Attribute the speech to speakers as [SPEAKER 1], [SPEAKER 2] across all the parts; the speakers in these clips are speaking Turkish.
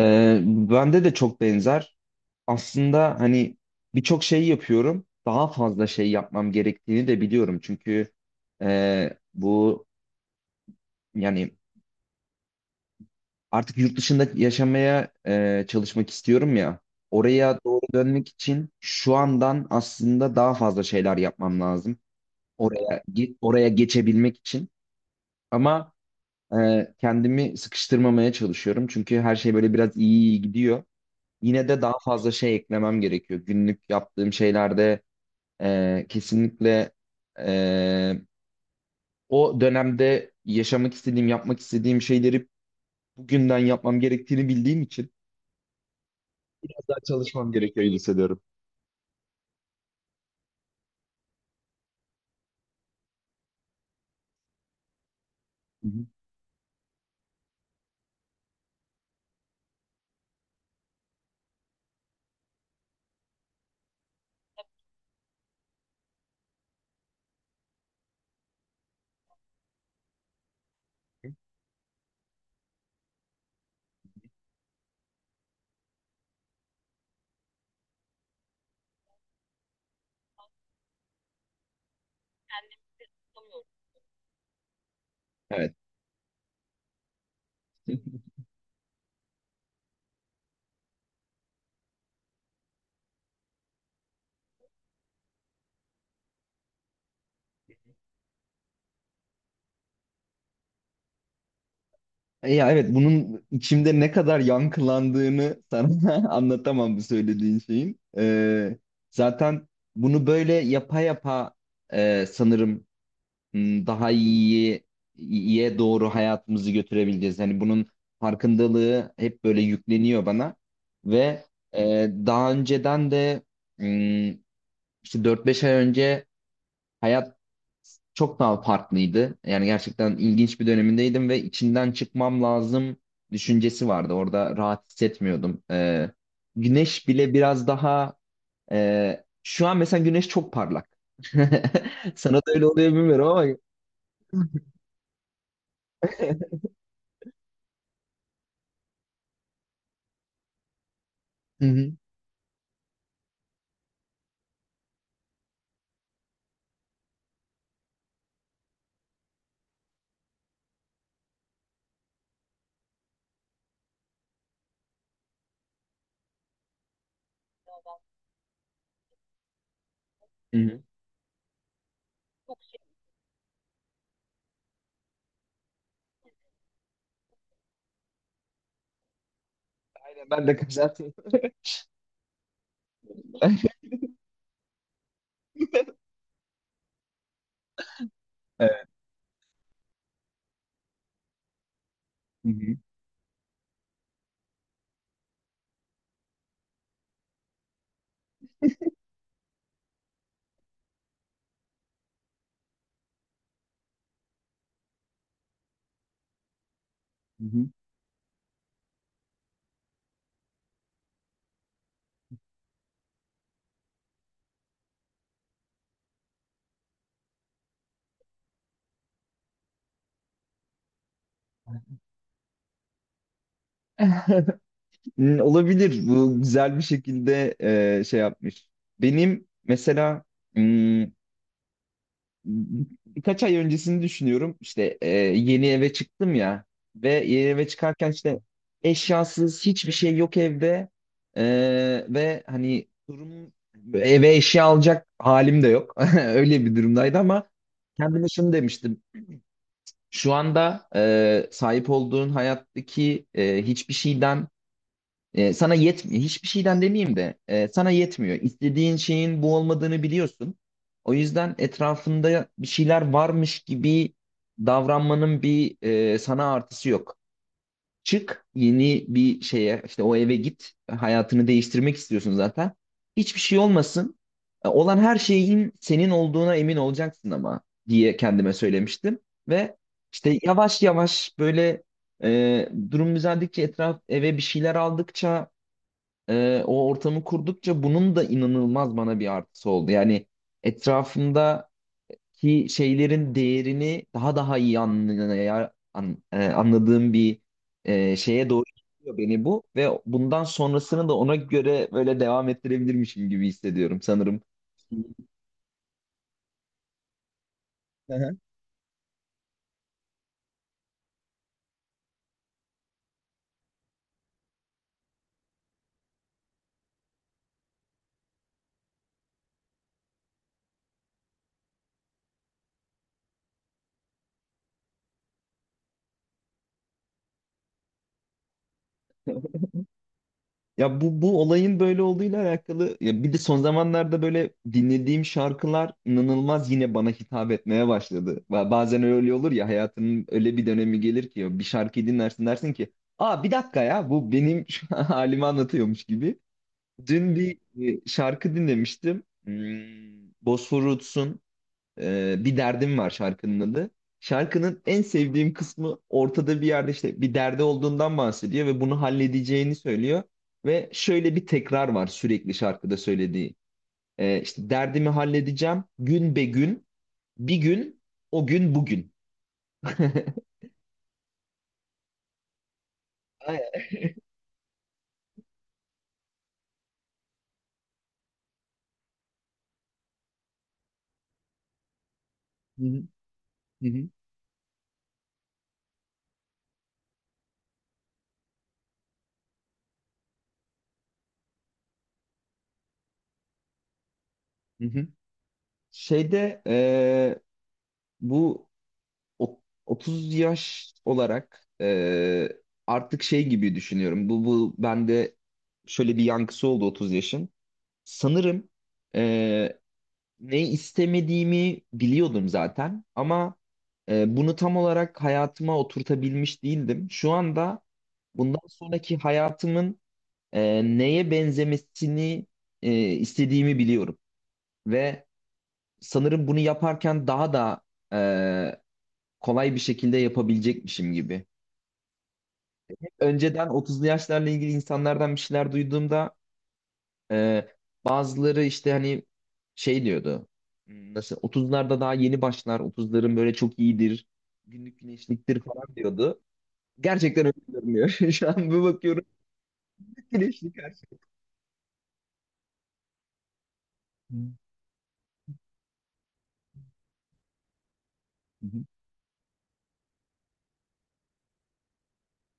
[SPEAKER 1] Bende de çok benzer. Aslında hani birçok şey yapıyorum. Daha fazla şey yapmam gerektiğini de biliyorum. Çünkü bu yani artık yurt dışında yaşamaya, çalışmak istiyorum ya. Oraya doğru dönmek için şu andan aslında daha fazla şeyler yapmam lazım. Oraya geçebilmek için. Ama kendimi sıkıştırmamaya çalışıyorum. Çünkü her şey böyle biraz iyi iyi gidiyor. Yine de daha fazla şey eklemem gerekiyor. Günlük yaptığım şeylerde kesinlikle, e, o dönemde yaşamak istediğim, yapmak istediğim şeyleri bugünden yapmam gerektiğini bildiğim için biraz daha çalışmam gerekiyor hissediyorum. Hı hı. Evet. Ya evet, bunun içimde ne kadar yankılandığını sana anlatamam, bu söylediğin şeyin. Zaten bunu böyle yapa yapa, sanırım, daha iyiye, iyiye doğru hayatımızı götürebileceğiz. Hani bunun farkındalığı hep böyle yükleniyor bana ve daha önceden de, m, işte 4-5 ay önce hayat çok daha farklıydı. Yani gerçekten ilginç bir dönemindeydim ve içinden çıkmam lazım düşüncesi vardı. Orada rahat hissetmiyordum. Güneş bile biraz daha, şu an mesela güneş çok parlak. Sana da öyle oluyor bilmiyorum ama. Hı hı. Hı hı. Aynen ben de kızartayım. Evet. Hı hı. Hı hı. Olabilir. Bu güzel bir şekilde şey yapmış. Benim mesela, hmm, birkaç ay öncesini düşünüyorum. İşte yeni eve çıktım ya ve yeni eve çıkarken işte eşyasız hiçbir şey yok evde. E, Ve hani durum, eve eşya alacak halim de yok. Öyle bir durumdaydı ama kendime şunu demiştim. Şu anda sahip olduğun hayattaki hiçbir şeyden, sana yetmiyor. Hiçbir şeyden demeyeyim de sana yetmiyor. İstediğin şeyin bu olmadığını biliyorsun. O yüzden etrafında bir şeyler varmış gibi davranmanın bir, sana artısı yok. Çık yeni bir şeye, işte o eve git, hayatını değiştirmek istiyorsun zaten. Hiçbir şey olmasın. Olan her şeyin senin olduğuna emin olacaksın ama diye kendime söylemiştim. Ve işte yavaş yavaş böyle durum düzeldikçe, etraf eve bir şeyler aldıkça, o ortamı kurdukça, bunun da inanılmaz bana bir artısı oldu. Yani etrafımda ki şeylerin değerini daha daha iyi anladığım bir, şeye doğru gidiyor beni bu ve bundan sonrasını da ona göre böyle devam ettirebilirmişim gibi hissediyorum sanırım. Hı hı. Ya, bu olayın böyle olduğuyla alakalı, ya bir de son zamanlarda böyle dinlediğim şarkılar inanılmaz yine bana hitap etmeye başladı. Bazen öyle olur ya, hayatının öyle bir dönemi gelir ki bir şarkıyı dinlersin, dersin ki, aa bir dakika ya, bu benim şu an halimi anlatıyormuş gibi. Dün bir şarkı dinlemiştim. Bosfor Roots'un Bir Derdim Var şarkının adı. Şarkının en sevdiğim kısmı ortada bir yerde işte bir derdi olduğundan bahsediyor ve bunu halledeceğini söylüyor. Ve şöyle bir tekrar var sürekli şarkıda söylediği. İşte derdimi halledeceğim gün be gün, bir gün, o gün bugün. Aynen. Hı hı, hı hı, hı hı. Şeyde bu o- 30 yaş olarak, artık şey gibi düşünüyorum. Bu bende şöyle bir yankısı oldu 30 yaşın. Sanırım e, ne istemediğimi biliyordum zaten ama bunu tam olarak hayatıma oturtabilmiş değildim. Şu anda bundan sonraki hayatımın neye benzemesini, istediğimi biliyorum. Ve sanırım bunu yaparken daha da e, kolay bir şekilde yapabilecekmişim gibi. Önceden 30'lu yaşlarla ilgili insanlardan bir şeyler duyduğumda, e, bazıları işte hani şey diyordu: Nasıl, 30'larda daha yeni başlar, otuzların böyle çok iyidir, günlük güneşliktir" falan diyordu. Gerçekten öyle görünüyor. Şu an bir bakıyorum, güneşlik her şey. Hı hı,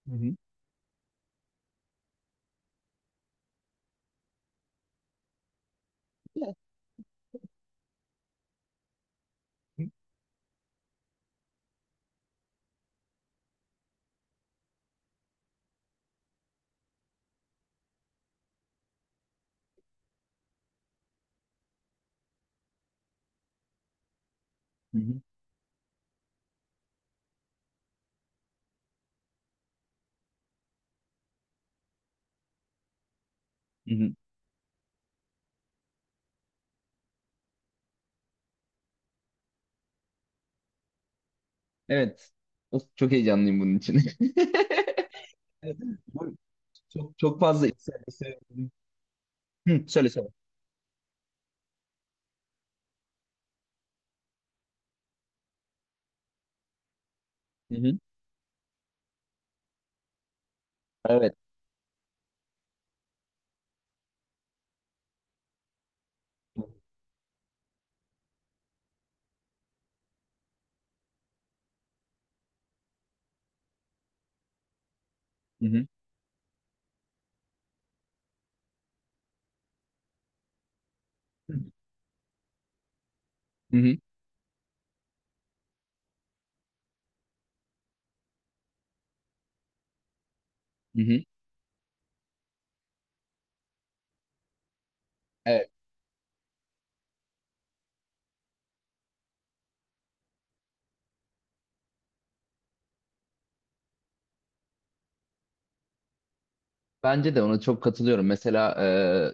[SPEAKER 1] hı hı, hı hı, hı hı. Evet. Of, çok heyecanlıyım bunun için. Evet, bu çok çok fazla. Söyle, söyle. Hı, söyle söyle. Hı hı. Evet. Hı hı. Hı hı. Hı hı. Evet. Bence de ona çok katılıyorum. Mesela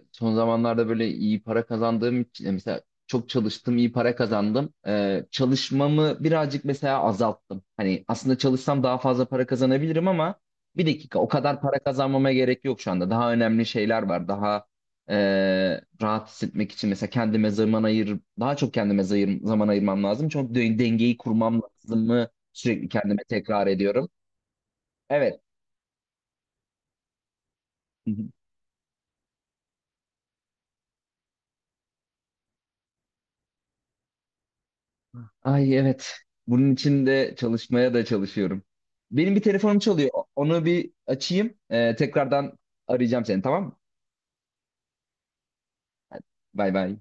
[SPEAKER 1] son zamanlarda böyle iyi para kazandığım için, mesela çok çalıştım, iyi para kazandım. Çalışmamı birazcık mesela azalttım. Hani aslında çalışsam daha fazla para kazanabilirim ama, bir dakika, o kadar para kazanmama gerek yok şu anda. Daha önemli şeyler var. Daha e, rahat hissetmek için mesela kendime zaman ayır, daha çok kendime zaman ayırmam lazım. Çok dengeyi kurmam lazım mı sürekli kendime tekrar ediyorum. Evet. Ay evet. Bunun için de çalışmaya da çalışıyorum. Benim bir telefonum çalıyor. Onu bir açayım. Tekrardan arayacağım seni, tamam mı? Bay bay.